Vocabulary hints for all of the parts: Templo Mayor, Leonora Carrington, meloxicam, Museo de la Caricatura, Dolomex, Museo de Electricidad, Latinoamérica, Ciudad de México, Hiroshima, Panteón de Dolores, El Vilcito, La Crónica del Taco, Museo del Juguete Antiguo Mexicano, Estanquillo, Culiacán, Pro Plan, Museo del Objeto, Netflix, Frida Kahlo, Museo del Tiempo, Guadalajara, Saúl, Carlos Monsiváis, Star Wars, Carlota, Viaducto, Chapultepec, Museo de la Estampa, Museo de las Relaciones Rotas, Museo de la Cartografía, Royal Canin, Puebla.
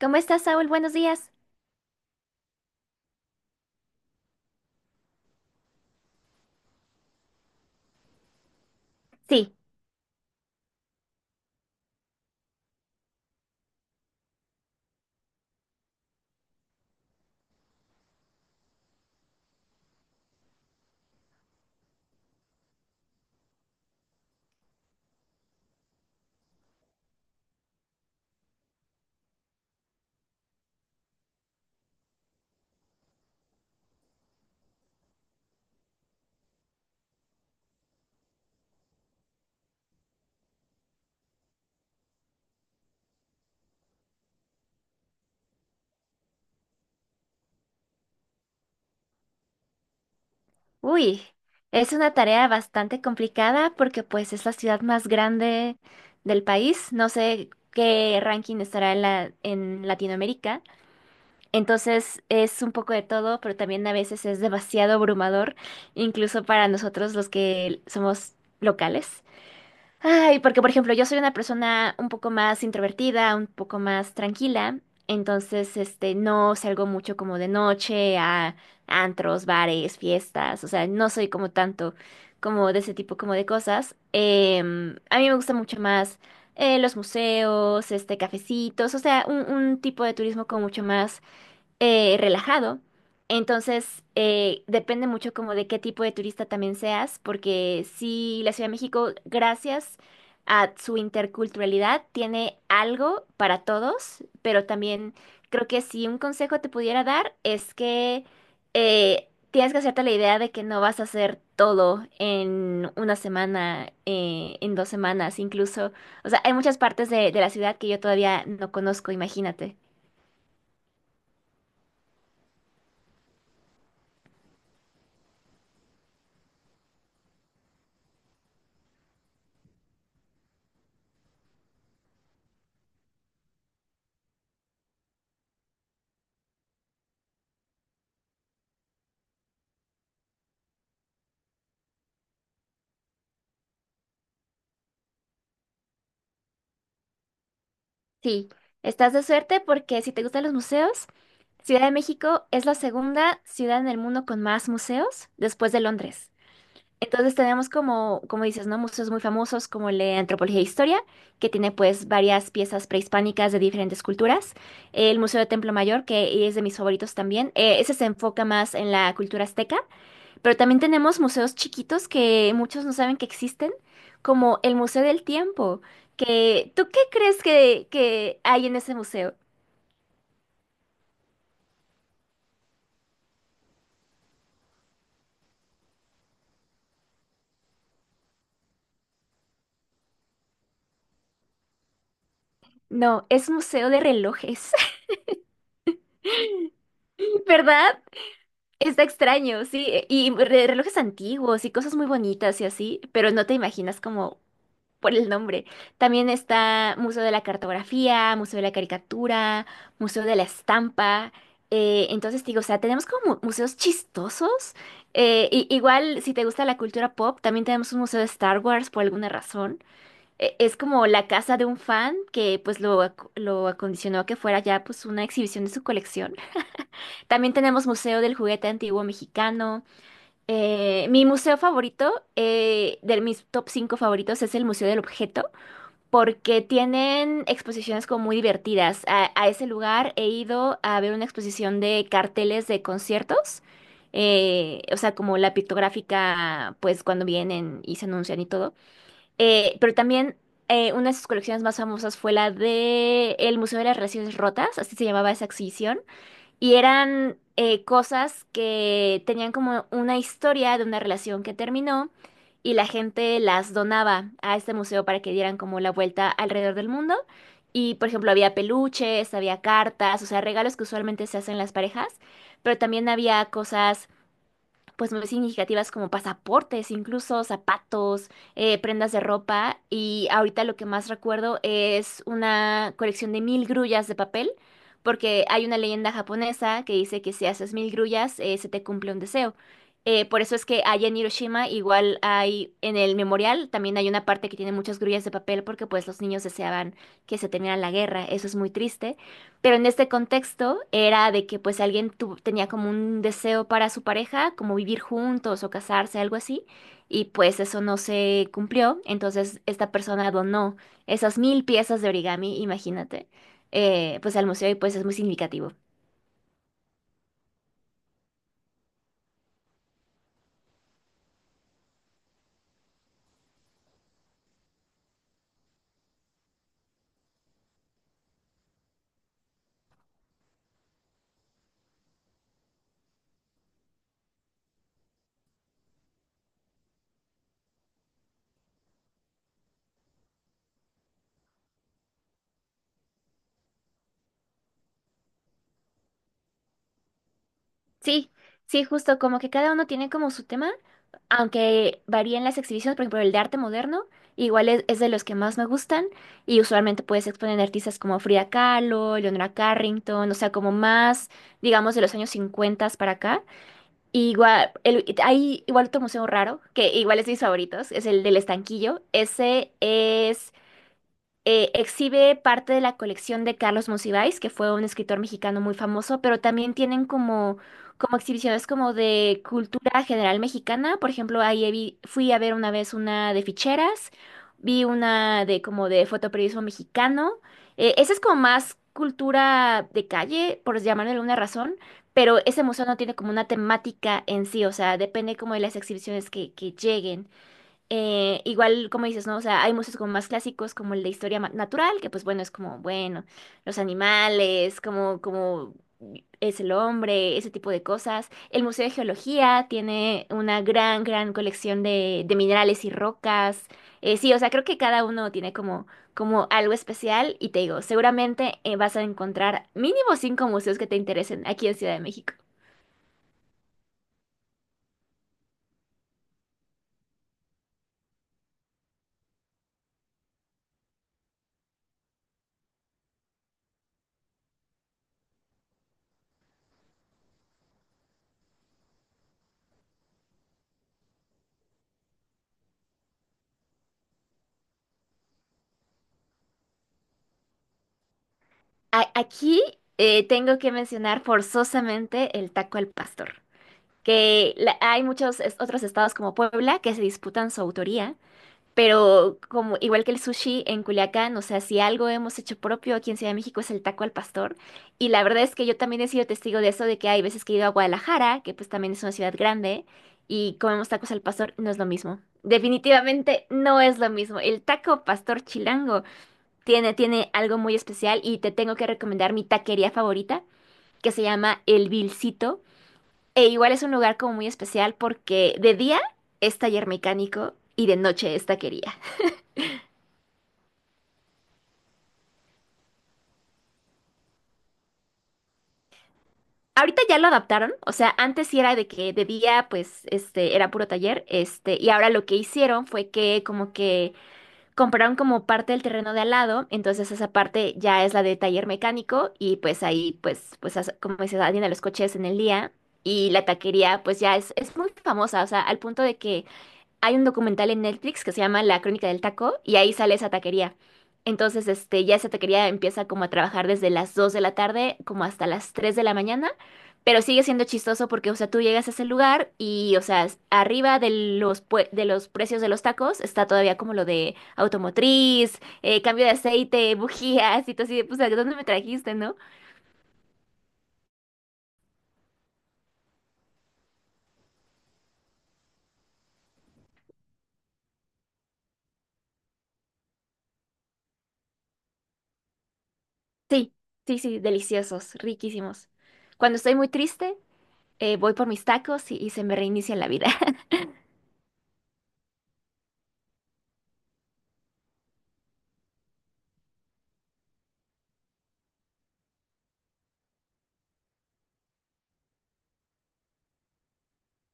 ¿Cómo estás, Saúl? Buenos días. Sí, uy, es una tarea bastante complicada porque pues es la ciudad más grande del país. No sé qué ranking estará en en Latinoamérica. Entonces es un poco de todo, pero también a veces es demasiado abrumador, incluso para nosotros los que somos locales. Ay, porque por ejemplo, yo soy una persona un poco más introvertida, un poco más tranquila, entonces este no salgo mucho como de noche a antros, bares, fiestas, o sea, no soy como tanto como de ese tipo como de cosas. A mí me gusta mucho más los museos, este cafecitos, o sea, un tipo de turismo como mucho más relajado. Entonces, depende mucho como de qué tipo de turista también seas, porque sí, la Ciudad de México, gracias a su interculturalidad, tiene algo para todos, pero también creo que si un consejo te pudiera dar es que tienes que hacerte la idea de que no vas a hacer todo en una semana, en dos semanas incluso. O sea, hay muchas partes de la ciudad que yo todavía no conozco, imagínate. Sí, estás de suerte porque si te gustan los museos, Ciudad de México es la segunda ciudad en el mundo con más museos después de Londres. Entonces tenemos como, como dices, ¿no? Museos muy famosos como el de Antropología e Historia, que tiene pues varias piezas prehispánicas de diferentes culturas. El Museo de Templo Mayor, que es de mis favoritos también. Ese se enfoca más en la cultura azteca. Pero también tenemos museos chiquitos que muchos no saben que existen, como el Museo del Tiempo, que ¿tú qué crees que hay en ese museo? No, es museo de relojes, ¿verdad? Está extraño, sí, y relojes antiguos y cosas muy bonitas y así, pero no te imaginas como por el nombre. También está Museo de la Cartografía, Museo de la Caricatura, Museo de la Estampa. Entonces te digo, o sea, tenemos como museos chistosos. Igual, si te gusta la cultura pop, también tenemos un museo de Star Wars por alguna razón. Es como la casa de un fan que pues lo, lo acondicionó a que fuera ya pues una exhibición de su colección. También tenemos Museo del Juguete Antiguo Mexicano. Mi museo favorito, de mis top 5 favoritos, es el Museo del Objeto porque tienen exposiciones como muy divertidas. A ese lugar he ido a ver una exposición de carteles de conciertos, o sea, como la pictográfica, pues cuando vienen y se anuncian y todo. Pero también una de sus colecciones más famosas fue la de el Museo de las Relaciones Rotas, así se llamaba esa exhibición. Y eran cosas que tenían como una historia de una relación que terminó y la gente las donaba a este museo para que dieran como la vuelta alrededor del mundo. Y por ejemplo, había peluches, había cartas, o sea, regalos que usualmente se hacen las parejas, pero también había cosas pues muy significativas como pasaportes, incluso zapatos, prendas de ropa. Y ahorita lo que más recuerdo es una colección de 1.000 grullas de papel, porque hay una leyenda japonesa que dice que si haces 1.000 grullas, se te cumple un deseo. Por eso es que allá en Hiroshima igual hay, en el memorial también hay una parte que tiene muchas grullas de papel porque pues los niños deseaban que se terminara la guerra. Eso es muy triste. Pero en este contexto era de que pues alguien tenía como un deseo para su pareja, como vivir juntos o casarse, algo así, y pues eso no se cumplió. Entonces esta persona donó esas 1.000 piezas de origami, imagínate, pues al museo y pues es muy significativo. Sí, sí, justo como que cada uno tiene como su tema, aunque varían las exhibiciones, por ejemplo, el de arte moderno, igual es de los que más me gustan y usualmente puedes exponer artistas como Frida Kahlo, Leonora Carrington, o sea, como más, digamos, de los años 50 para acá. Y igual, hay igual otro museo raro, que igual es de mis favoritos, es el del Estanquillo. Ese es exhibe parte de la colección de Carlos Monsiváis, que fue un escritor mexicano muy famoso, pero también tienen como, como exhibiciones como de cultura general mexicana. Por ejemplo, ahí fui a ver una vez una de ficheras, vi una de como de fotoperiodismo mexicano. Esa es como más cultura de calle, por llamarlo de alguna razón. Pero ese museo no tiene como una temática en sí, o sea, depende como de las exhibiciones que lleguen. Igual, como dices, ¿no? O sea, hay museos como más clásicos, como el de historia natural, que pues bueno, es como, bueno, los animales, como, como es el hombre, ese tipo de cosas. El Museo de Geología tiene una gran, gran colección de minerales y rocas. Sí, o sea, creo que cada uno tiene como, como algo especial y te digo, seguramente vas a encontrar mínimo cinco museos que te interesen aquí en Ciudad de México. Aquí tengo que mencionar forzosamente el taco al pastor. Que hay muchos otros estados como Puebla que se disputan su autoría, pero como igual que el sushi en Culiacán, o sea, si algo hemos hecho propio aquí en Ciudad de México es el taco al pastor, y la verdad es que yo también he sido testigo de eso, de que hay veces que he ido a Guadalajara, que pues también es una ciudad grande, y comemos tacos al pastor, no es lo mismo. Definitivamente no es lo mismo. El taco pastor chilango tiene algo muy especial y te tengo que recomendar mi taquería favorita, que se llama El Vilcito e igual es un lugar como muy especial porque de día es taller mecánico y de noche es taquería. Ahorita ya lo adaptaron, o sea, antes sí era de que de día pues este era puro taller, este, y ahora lo que hicieron fue que como que compraron como parte del terreno de al lado, entonces esa parte ya es la de taller mecánico y pues ahí pues como se atienden los coches en el día y la taquería pues ya es muy famosa, o sea, al punto de que hay un documental en Netflix que se llama La Crónica del Taco y ahí sale esa taquería. Entonces, este, ya esa taquería empieza como a trabajar desde las 2 de la tarde como hasta las 3 de la mañana, pero sigue siendo chistoso porque, o sea, tú llegas a ese lugar y, o sea, arriba de los, de los precios de los tacos está todavía como lo de automotriz, cambio de aceite, bujías y todo así, de, pues, ¿a dónde me trajiste, no? Sí, sí, sí, deliciosos, riquísimos. Cuando estoy muy triste, voy por mis tacos y se me reinicia la vida.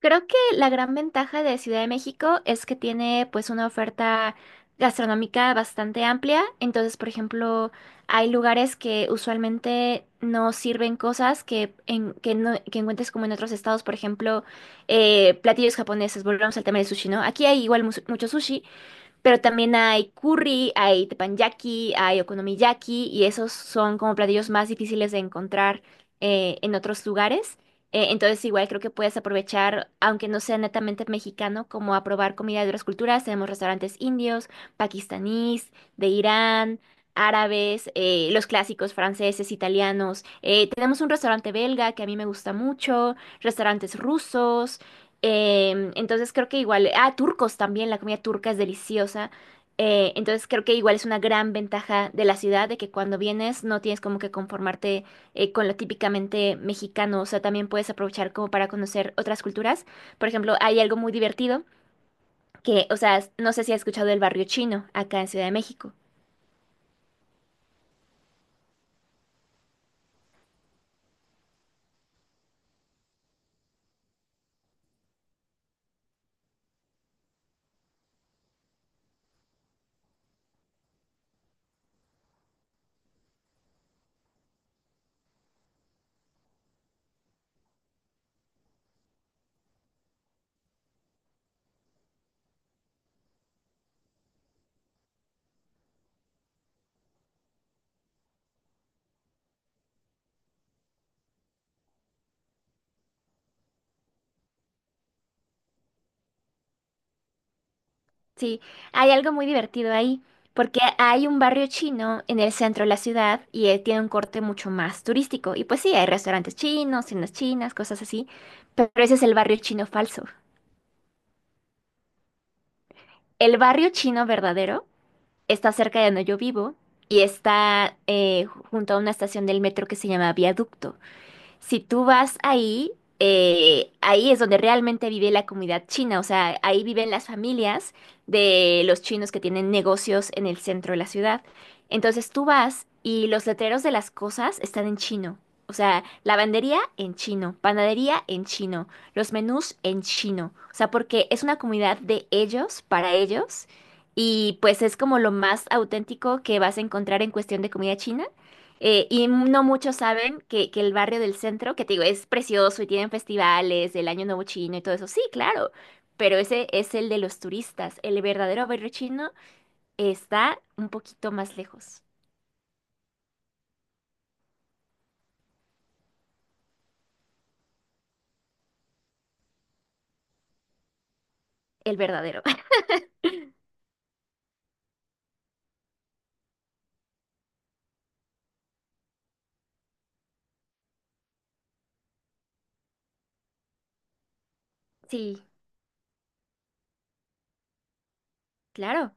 Creo que la gran ventaja de Ciudad de México es que tiene pues una oferta gastronómica bastante amplia. Entonces, por ejemplo, hay lugares que usualmente no sirven cosas que, que, que encuentres como en otros estados, por ejemplo, platillos japoneses. Volvemos al tema del sushi, ¿no? Aquí hay igual mucho sushi, pero también hay curry, hay teppanyaki, hay okonomiyaki y esos son como platillos más difíciles de encontrar en otros lugares. Entonces igual creo que puedes aprovechar, aunque no sea netamente mexicano, como a probar comida de otras culturas. Tenemos restaurantes indios, pakistaníes, de Irán, árabes, los clásicos franceses, italianos. Tenemos un restaurante belga que a mí me gusta mucho, restaurantes rusos. Entonces creo que igual, ah, turcos también, la comida turca es deliciosa. Entonces creo que igual es una gran ventaja de la ciudad, de que cuando vienes no tienes como que conformarte con lo típicamente mexicano, o sea, también puedes aprovechar como para conocer otras culturas. Por ejemplo, hay algo muy divertido que, o sea, no sé si has escuchado del barrio chino acá en Ciudad de México. Sí, hay algo muy divertido ahí, porque hay un barrio chino en el centro de la ciudad y tiene un corte mucho más turístico. Y pues sí, hay restaurantes chinos, tiendas chinas, cosas así, pero ese es el barrio chino falso. El barrio chino verdadero está cerca de donde yo vivo y está junto a una estación del metro que se llama Viaducto. Si tú vas ahí, ahí es donde realmente vive la comunidad china, o sea, ahí viven las familias de los chinos que tienen negocios en el centro de la ciudad. Entonces tú vas y los letreros de las cosas están en chino. O sea, lavandería en chino, panadería en chino, los menús en chino. O sea, porque es una comunidad de ellos, para ellos, y pues es como lo más auténtico que vas a encontrar en cuestión de comida china. Y no muchos saben que el barrio del centro, que te digo, es precioso y tienen festivales, el Año Nuevo Chino y todo eso. Sí, claro, pero ese es el de los turistas. El verdadero barrio chino está un poquito más lejos. El verdadero. Sí, claro.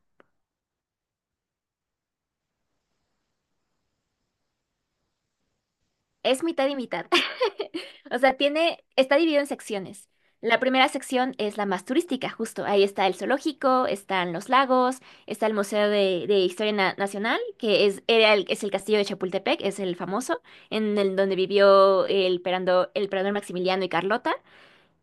Es mitad y mitad. O sea, tiene, está dividido en secciones. La primera sección es la más turística, justo. Ahí está el zoológico, están los lagos, está el Museo de Historia Nacional, que es el castillo de Chapultepec, es el famoso, en el donde vivió el emperador Maximiliano y Carlota.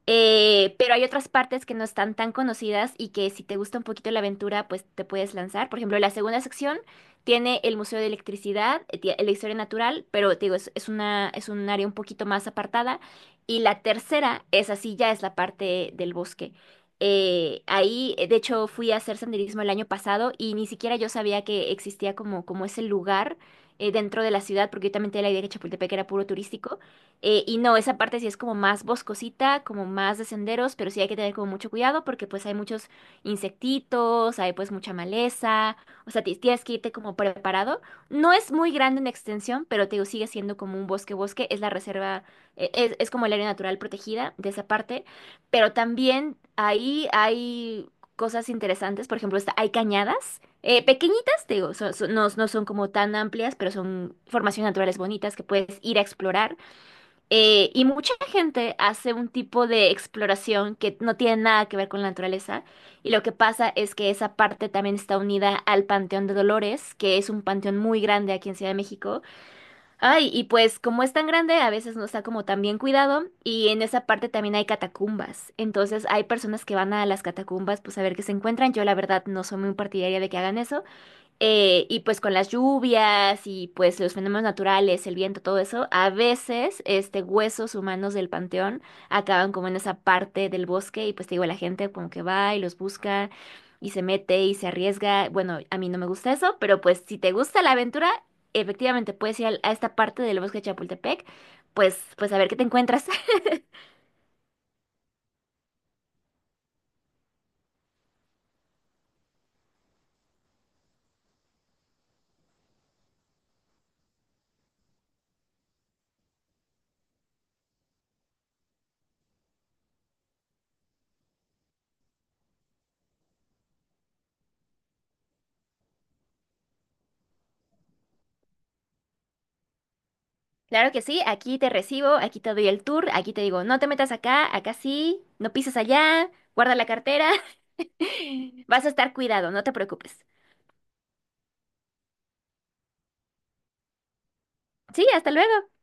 Pero hay otras partes que no están tan conocidas y que si te gusta un poquito la aventura, pues te puedes lanzar. Por ejemplo, la segunda sección tiene el Museo de Electricidad, la historia natural, pero te digo, es un área un poquito más apartada. Y la tercera es así, ya es la parte del bosque. De hecho, fui a hacer senderismo el año pasado y ni siquiera yo sabía que existía como ese lugar dentro de la ciudad, porque yo también tenía la idea que Chapultepec era puro turístico. Y no, esa parte sí es como más boscosita, como más de senderos, pero sí hay que tener como mucho cuidado porque pues hay muchos insectitos, hay pues mucha maleza, o sea, tienes que irte como preparado. No es muy grande en extensión, pero te digo, sigue siendo como un bosque bosque, es la reserva, es como el área natural protegida de esa parte, pero también ahí hay cosas interesantes, por ejemplo, hay cañadas. Eh, pequeñitas, te digo, no, no son como tan amplias, pero son formaciones naturales bonitas que puedes ir a explorar. Y mucha gente hace un tipo de exploración que no tiene nada que ver con la naturaleza. Y lo que pasa es que esa parte también está unida al Panteón de Dolores, que es un panteón muy grande aquí en Ciudad de México. Ay, y pues como es tan grande, a veces no está como tan bien cuidado. Y en esa parte también hay catacumbas. Entonces hay personas que van a las catacumbas pues a ver qué se encuentran. Yo la verdad no soy muy partidaria de que hagan eso. Y pues con las lluvias y pues los fenómenos naturales, el viento, todo eso, a veces este huesos humanos del panteón acaban como en esa parte del bosque y pues te digo, la gente como que va y los busca y se mete y se arriesga. Bueno, a mí no me gusta eso, pero pues si te gusta la aventura, efectivamente puedes ir a esta parte del bosque de Chapultepec, pues a ver qué te encuentras. Claro que sí, aquí te recibo, aquí te doy el tour, aquí te digo, no te metas acá, acá sí, no pises allá, guarda la cartera. Vas a estar cuidado, no te preocupes. Sí, hasta luego.